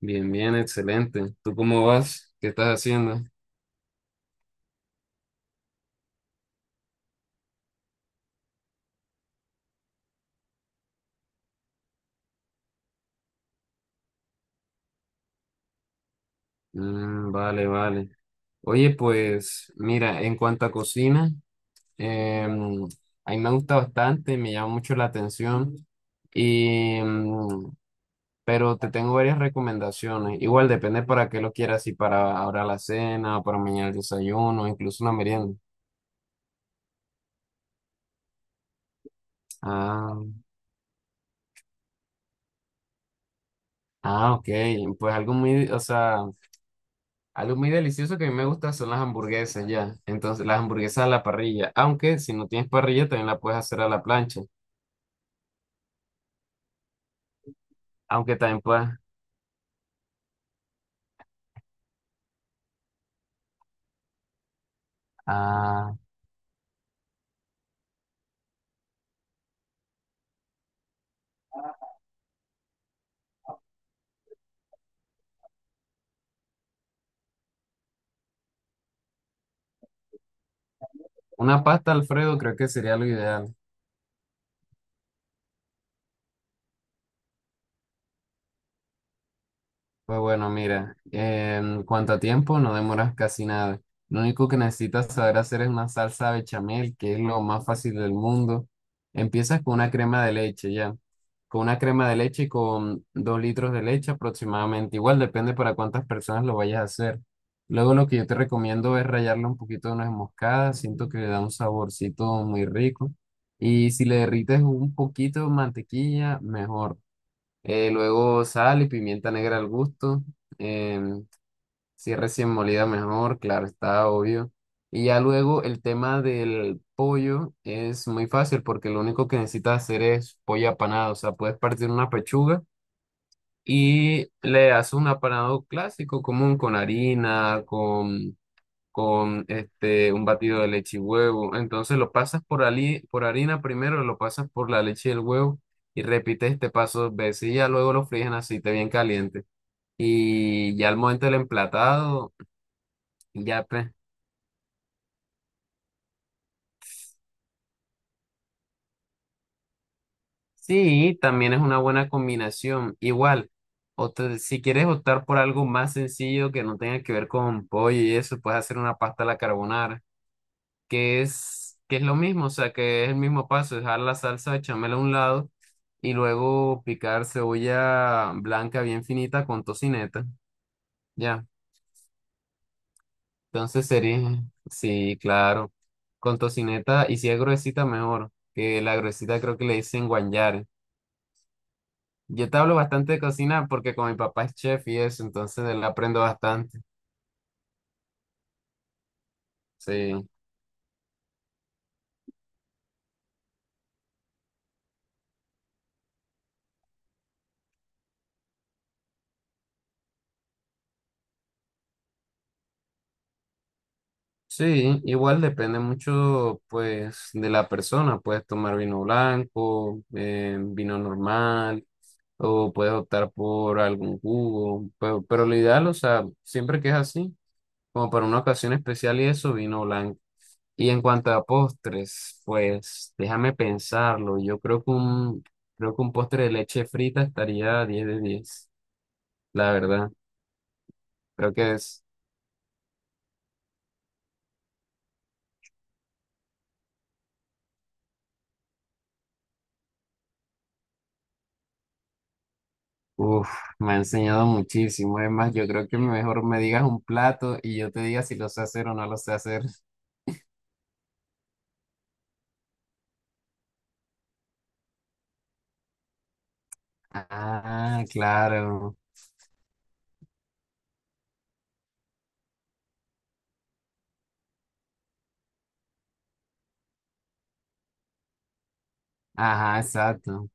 Bien, bien, excelente. ¿Tú cómo vas? ¿Qué estás haciendo? Mm, vale, vale. Oye, pues mira, en cuanto a cocina, em, a mí me gusta bastante, me llama mucho la atención, y, pero te tengo varias recomendaciones. Igual depende para qué lo quieras, si para ahora la cena, para mañana el desayuno, incluso una merienda. Ah, ah, ok. Pues o sea, algo muy delicioso que a mí me gusta son las hamburguesas ya. Entonces, las hamburguesas a la parrilla. Aunque si no tienes parrilla, también la puedes hacer a la plancha. Aunque también puedes. Ah, una pasta Alfredo creo que sería lo ideal. Pues bueno, mira, en cuanto a tiempo, no demoras casi nada. Lo único que necesitas saber hacer es una salsa bechamel, que es lo más fácil del mundo. Empiezas con una crema de leche, ya. Con una crema de leche y con 2 litros de leche aproximadamente. Igual depende para cuántas personas lo vayas a hacer. Luego lo que yo te recomiendo es rallarle un poquito de nuez moscada. Siento que le da un saborcito muy rico. Y si le derrites un poquito de mantequilla, mejor. Luego sal y pimienta negra al gusto. em, si es recién molida, mejor, claro, está obvio. Y ya luego el tema del pollo es muy fácil porque lo único que necesitas hacer es pollo apanado. O sea, puedes partir una pechuga y le haces un apanado clásico, común, con harina, con este, un batido de leche y huevo. Entonces lo pasas por harina primero, lo pasas por la leche y el huevo y repites este paso dos veces y ya luego lo fríes en aceite bien caliente. Y ya al momento del emplatado, ya pues. Sí, también es una buena combinación. Igual, si quieres optar por algo más sencillo que no tenga que ver con pollo y eso, puedes hacer una pasta a la carbonara. Que es lo mismo, o sea, que es el mismo paso, dejar la salsa bechamel a un lado y luego picar cebolla blanca bien finita con tocineta, ya. Entonces sería, sí, claro, con tocineta y si es gruesita mejor, que la gruesita creo que le dicen guanyare. Yo te hablo bastante de cocina porque con mi papá es chef y eso, entonces de él aprendo bastante, sí. Sí, igual depende mucho, pues, de la persona. Puedes tomar vino blanco, vino normal, o puedes optar por algún jugo. Pero lo ideal, o sea, siempre que es así, como para una ocasión especial y eso, vino blanco. Y en cuanto a postres, pues, déjame pensarlo. Yo creo que un postre de leche frita estaría 10 de 10. La verdad. Creo que es. Uf, me ha enseñado muchísimo. Es más, yo creo que mejor me digas un plato y yo te diga si lo sé hacer o no lo sé hacer. Ah, claro. Ajá, exacto.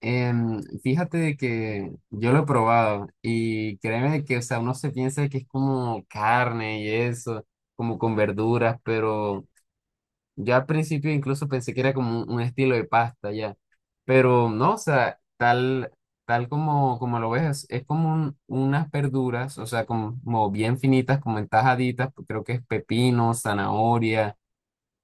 Fíjate de que yo lo he probado y créeme de que, o sea, uno se piensa que es como carne y eso, como con verduras, pero ya al principio incluso pensé que era como un estilo de pasta ya, pero no, o sea, tal como lo ves, es como unas verduras, o sea, como bien finitas, como entajaditas, creo que es pepino, zanahoria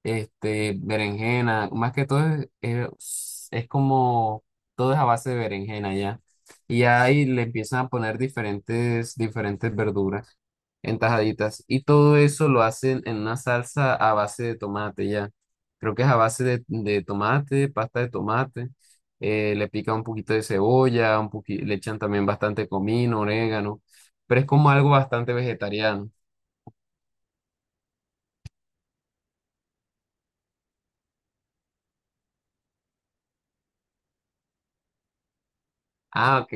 este, berenjena, más que todo es como, todo es a base de berenjena ya. Y ahí le empiezan a poner diferentes verduras en tajaditas. Y todo eso lo hacen en una salsa a base de tomate ya. Creo que es a base de tomate, pasta de tomate. Eh, le pican un poquito de cebolla, le echan también bastante comino, orégano. Pero es como algo bastante vegetariano. Ah, ok.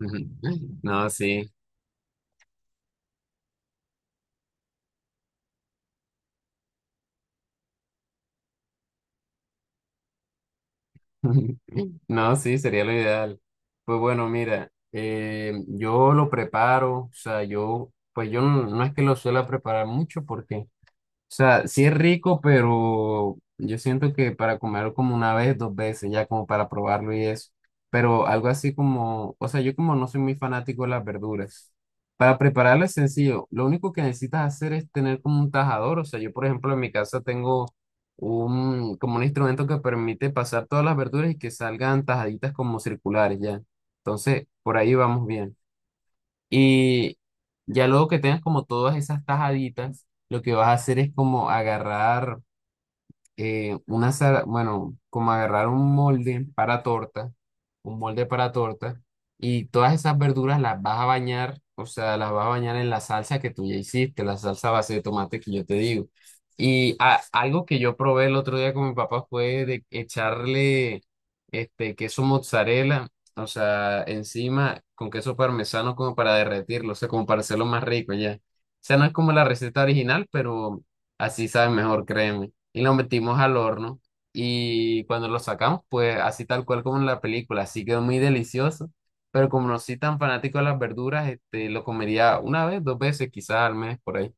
No, sí. No, sí, sería lo ideal. Pues bueno, mira, yo lo preparo, o sea, yo, pues yo no, no es que lo suela preparar mucho porque o sea, sí es rico, pero yo siento que para comerlo como una vez, dos veces, ya como para probarlo y eso. Pero algo así como, o sea, yo como no soy muy fanático de las verduras. Para prepararlo es sencillo. Lo único que necesitas hacer es tener como un tajador. O sea, yo por ejemplo en mi casa tengo un, como un instrumento que permite pasar todas las verduras y que salgan tajaditas como circulares ya. Entonces, por ahí vamos bien. Y ya luego que tengas como todas esas tajaditas, lo que vas a hacer es como agarrar bueno, como agarrar un molde para torta, y todas esas verduras las vas a bañar, o sea, las vas a bañar en la salsa que tú ya hiciste, la salsa a base de tomate que yo te digo. Y algo que yo probé el otro día con mi papá fue de echarle este queso mozzarella, o sea, encima con queso parmesano como para derretirlo, o sea, como para hacerlo más rico ya. O sea, no es como la receta original, pero así sabe mejor, créeme y lo metimos al horno y cuando lo sacamos, pues así tal cual como en la película, así quedó muy delicioso, pero como no soy tan fanático de las verduras, este, lo comería una vez, dos veces, quizás al mes por ahí.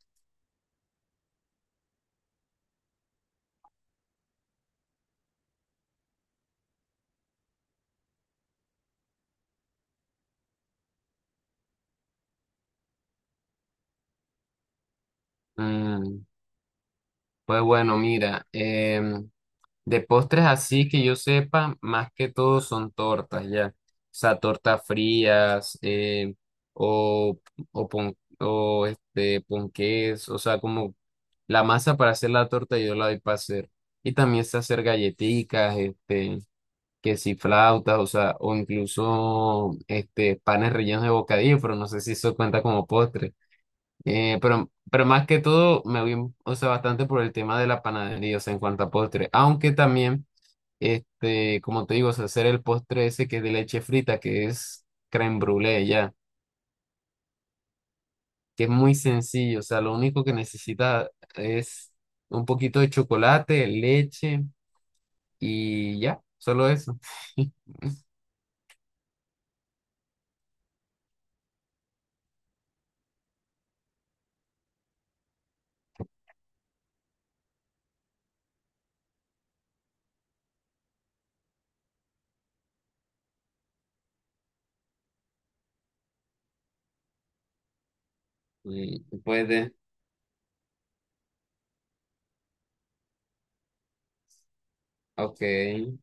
Mm, pues bueno, mira, de postres así que yo sepa, más que todo son tortas, ya. O sea, tortas frías, o, o este, ponqués, o sea, como la masa para hacer la torta yo la doy para hacer. Y también sé hacer galletitas, este, que si flautas, o sea, o incluso este, panes rellenos de bocadillo, pero no sé si eso cuenta como postre. Pero más que todo me voy, o sea, bastante por el tema de la panadería, o sea, en cuanto a postre. Aunque también este, como te digo, o sea, hacer el postre ese que es de leche frita, que es crème brûlée ya, que es muy sencillo, o sea, lo único que necesita es un poquito de chocolate, leche y ya, solo eso. Y Pues de, ok,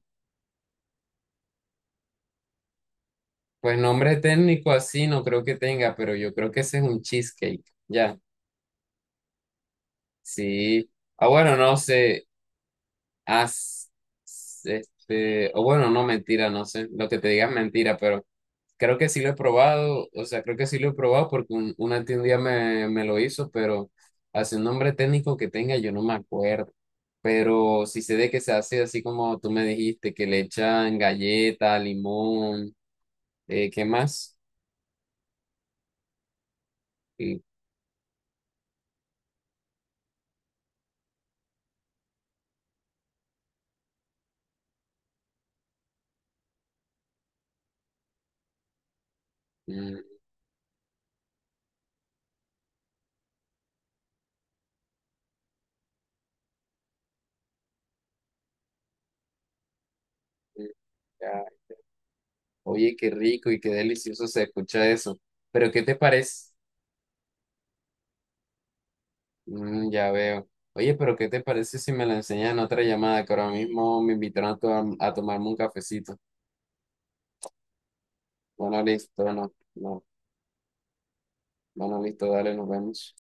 pues nombre técnico así no creo que tenga, pero yo creo que ese es un cheesecake, ya, sí. Ah, bueno, no sé, as, este, o bueno, no mentira, no sé, lo que te diga es mentira, pero creo que sí lo he probado, o sea, creo que sí lo he probado porque una tía un día me lo hizo, pero hace un nombre técnico que tenga, yo no me acuerdo. Pero sí sé de que se hace así como tú me dijiste, que le echan galleta, limón, ¿qué más? Y, mm, mm, ya. Oye, qué rico y qué delicioso se escucha eso. Pero ¿qué te parece? Mm, ya veo. Oye, pero ¿qué te parece si me la enseñan en otra llamada? Que ahora mismo me invitaron a, a tomarme un cafecito. Bueno, listo, no, no, bueno, listo, dale, nos vemos.